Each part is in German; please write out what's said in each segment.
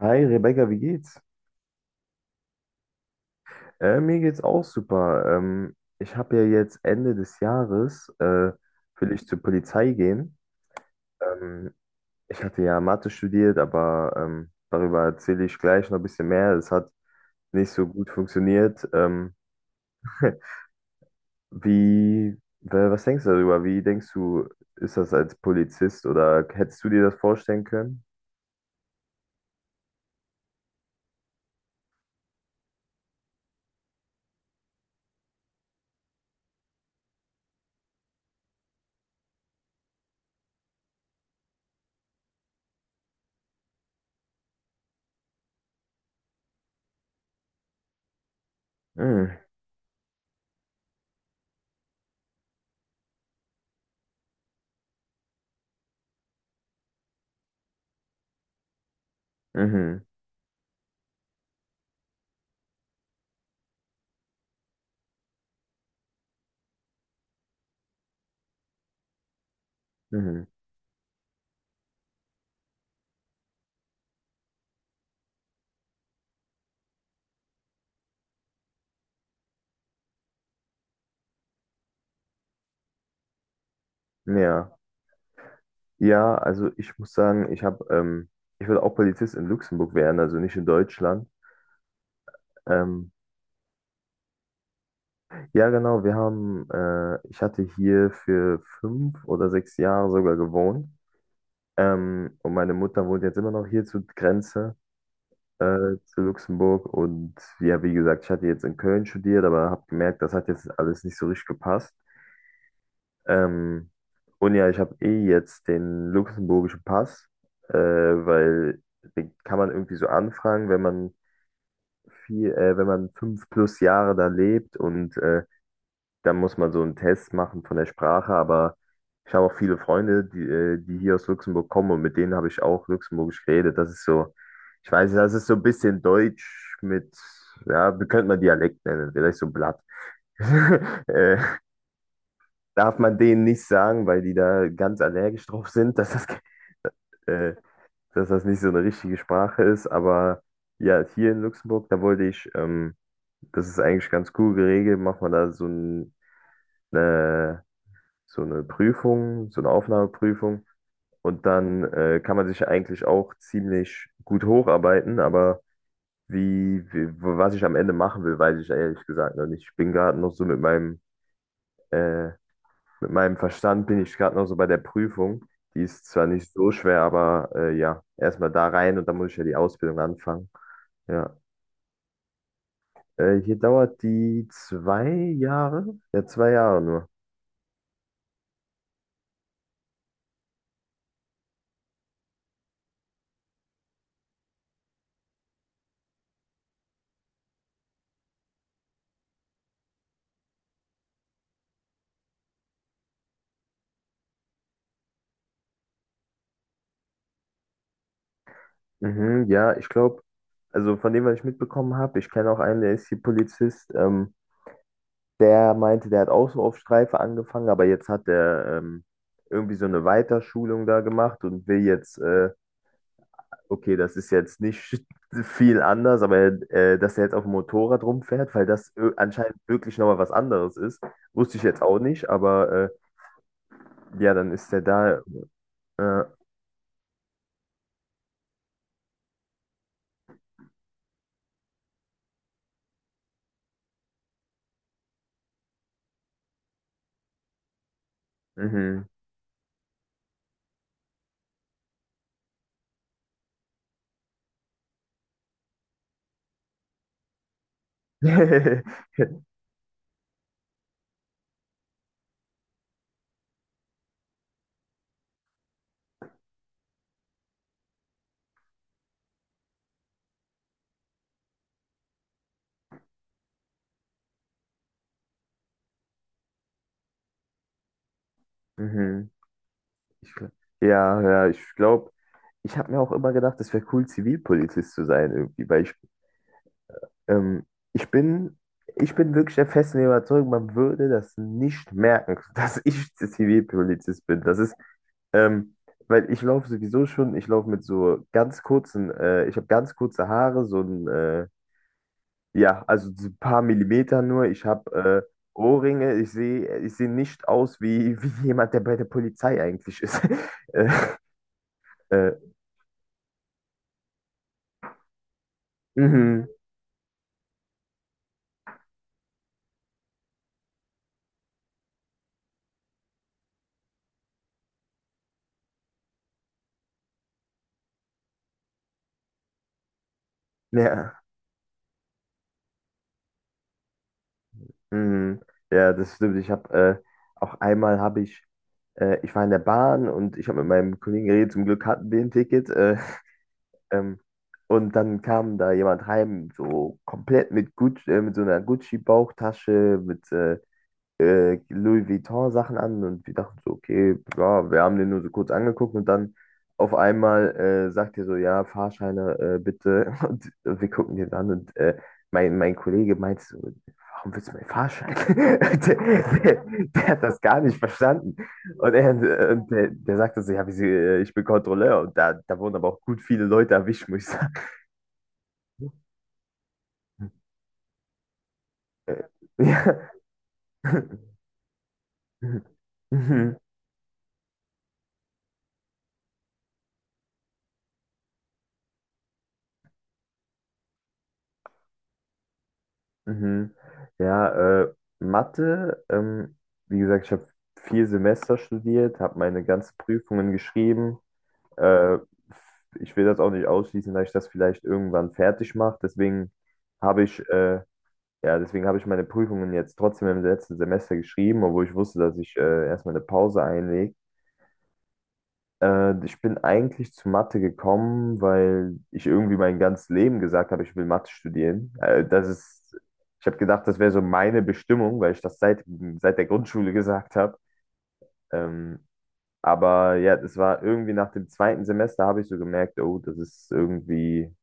Hi Rebecca, wie geht's? Mir geht's auch super. Ich habe ja jetzt Ende des Jahres will ich zur Polizei gehen. Ähm, Ich hatte ja Mathe studiert, aber darüber erzähle ich gleich noch ein bisschen mehr. Es hat nicht so gut funktioniert. Was denkst du darüber? Wie denkst du, ist das als Polizist oder hättest du dir das vorstellen können? Mhm, mhm, mhm. Ja. Ja, also ich muss sagen, ich würde auch Polizist in Luxemburg werden, also nicht in Deutschland. Ähm, ja, genau, ich hatte hier für 5 oder 6 Jahre sogar gewohnt. Und meine Mutter wohnt jetzt immer noch hier zur Grenze, zu Luxemburg. Und ja, wie gesagt, ich hatte jetzt in Köln studiert, aber habe gemerkt, das hat jetzt alles nicht so richtig gepasst. Ähm, und ja, ich habe eh jetzt den luxemburgischen Pass, weil den kann man irgendwie so anfragen, wenn man wenn man 5 plus Jahre da lebt und dann muss man so einen Test machen von der Sprache. Aber ich habe auch viele Freunde, die hier aus Luxemburg kommen, und mit denen habe ich auch Luxemburgisch geredet. Das ist so, ich weiß nicht, das ist so ein bisschen Deutsch mit, ja, wie könnte man Dialekt nennen? Vielleicht so Blatt. äh, Darf man denen nicht sagen, weil die da ganz allergisch drauf sind, äh, dass das nicht so eine richtige Sprache ist. Aber ja, hier in Luxemburg, da wollte ich Das ist eigentlich ganz cool geregelt. Macht man da so eine, so eine Prüfung, so eine Aufnahmeprüfung. Und dann kann man sich eigentlich auch ziemlich gut hocharbeiten. Aber was ich am Ende machen will, weiß ich ehrlich gesagt noch nicht. Ich bin gerade noch so äh, mit meinem Verstand, bin ich gerade noch so bei der Prüfung. Die ist zwar nicht so schwer, aber ja, erstmal da rein und dann muss ich ja die Ausbildung anfangen. Ja. Hier dauert die 2 Jahre. Ja, 2 Jahre nur. Mhm, ja, ich glaube, also von dem, was ich mitbekommen habe, ich kenne auch einen, der ist hier Polizist. Der meinte, der hat auch so auf Streife angefangen, aber jetzt hat er irgendwie so eine Weiterschulung da gemacht und will jetzt, okay, das ist jetzt nicht viel anders, aber dass er jetzt auf dem Motorrad rumfährt, weil das anscheinend wirklich nochmal was anderes ist. Wusste ich jetzt auch nicht, aber ja, dann ist er da. Äh, mhm. Mhm. Ich, gl- ja, ja, ich glaube, ich habe mir auch immer gedacht, es wäre cool, Zivilpolizist zu sein irgendwie, ähm, ich bin, ich bin wirklich der festen Überzeugung, man würde das nicht merken, dass ich Zivilpolizist bin. Ähm, Weil ich laufe sowieso schon, ich laufe mit so ganz kurzen, ich habe ganz kurze Haare, so ein, ja, also so ein paar Millimeter nur. Ich habe Ohrringe, ich sehe nicht aus wie, wie jemand, der bei der Polizei eigentlich ist. Äh, äh, Mhm. Ja. Mhm. Ja, das stimmt. Ich habe Auch einmal ich war in der Bahn und ich habe mit meinem Kollegen geredet, zum Glück hatten wir ein Ticket. Ähm, und dann kam da jemand heim, so komplett mit so einer Gucci-Bauchtasche, mit Louis Vuitton-Sachen an, und wir dachten so, okay, ja, wir haben den nur so kurz angeguckt. Und dann auf einmal sagt er so, ja, Fahrscheine bitte. Und wir gucken den an und mein Kollege meint so, warum willst du meinen Fahrschein? Der hat das gar nicht verstanden. Und der sagte so, ja, wieso, ich bin Kontrolleur. Und da wurden aber auch gut viele Leute erwischt, muss ich sagen. Ja. Mhm. Ja, Mathe, wie gesagt, ich habe 4 Semester studiert, habe meine ganzen Prüfungen geschrieben. Äh, Ich will das auch nicht ausschließen, dass ich das vielleicht irgendwann fertig mache. Habe ich, äh, ja, Deswegen habe ich meine Prüfungen jetzt trotzdem im letzten Semester geschrieben, obwohl ich wusste, dass ich erstmal eine Pause einlege. Ich bin eigentlich zu Mathe gekommen, weil ich irgendwie mein ganzes Leben gesagt habe, ich will Mathe studieren. Ich habe gedacht, das wäre so meine Bestimmung, weil ich das seit der Grundschule gesagt habe. Ähm, aber ja, das war irgendwie nach dem zweiten Semester. Habe ich so gemerkt, oh, das ist irgendwie,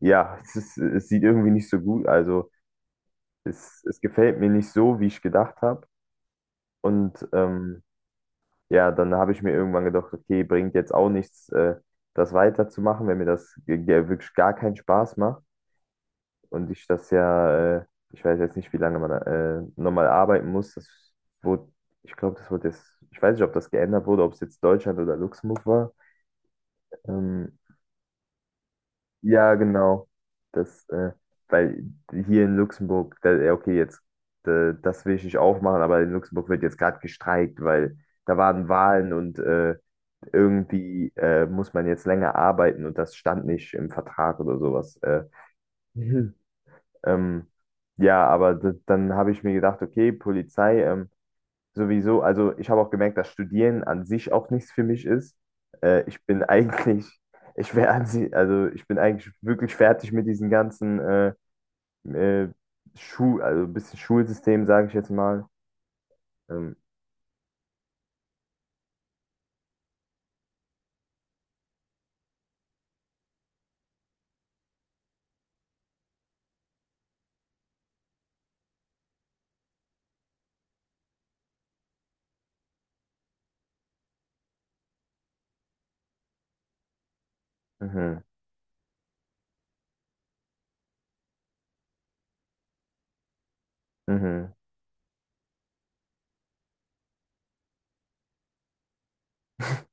ja, es sieht irgendwie nicht so gut. Also es gefällt mir nicht so, wie ich gedacht habe. Und ja, dann habe ich mir irgendwann gedacht, okay, bringt jetzt auch nichts, das weiterzumachen, wenn mir das wirklich gar keinen Spaß macht. Und ich weiß jetzt nicht, wie lange man nochmal arbeiten muss. Das wurde, ich glaube, das wurde jetzt, ich weiß nicht, ob das geändert wurde, ob es jetzt Deutschland oder Luxemburg war. Ähm, ja, genau. Das, äh, Weil hier in Luxemburg, da, ja, okay, jetzt, das will ich nicht aufmachen, aber in Luxemburg wird jetzt gerade gestreikt, weil da waren Wahlen. Und irgendwie muss man jetzt länger arbeiten, und das stand nicht im Vertrag oder sowas. Mhm. ähm, ja, aber dann habe ich mir gedacht, okay, Polizei, sowieso, also ich habe auch gemerkt, dass Studieren an sich auch nichts für mich ist. Ich bin eigentlich, ich wäre an sich, also ich bin eigentlich wirklich fertig mit diesen ganzen äh, Schu also ein bisschen Schulsystem, sage ich jetzt mal. Ähm, mhm, mhm,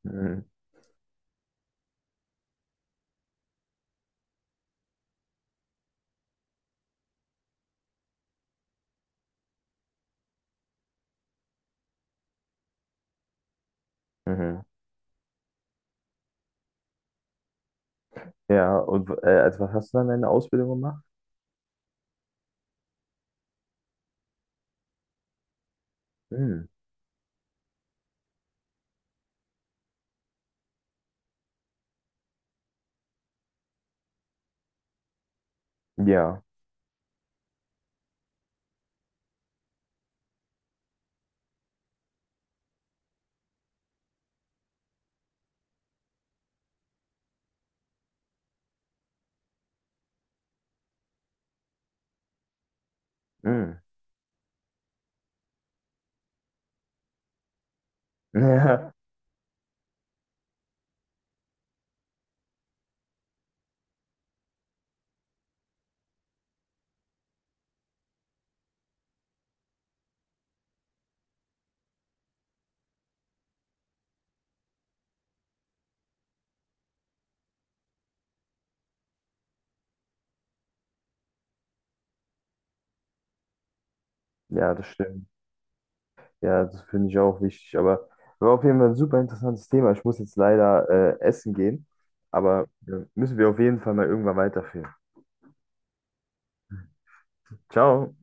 mhm, mhm. Ja, und also was hast du dann in der Ausbildung gemacht? Mhm. Ja. Mm. Ja. Ja, das stimmt. Ja, das finde ich auch wichtig. Aber war auf jeden Fall ein super interessantes Thema. Ich muss jetzt leider essen gehen. Aber müssen wir auf jeden Fall mal irgendwann weiterführen. Ciao.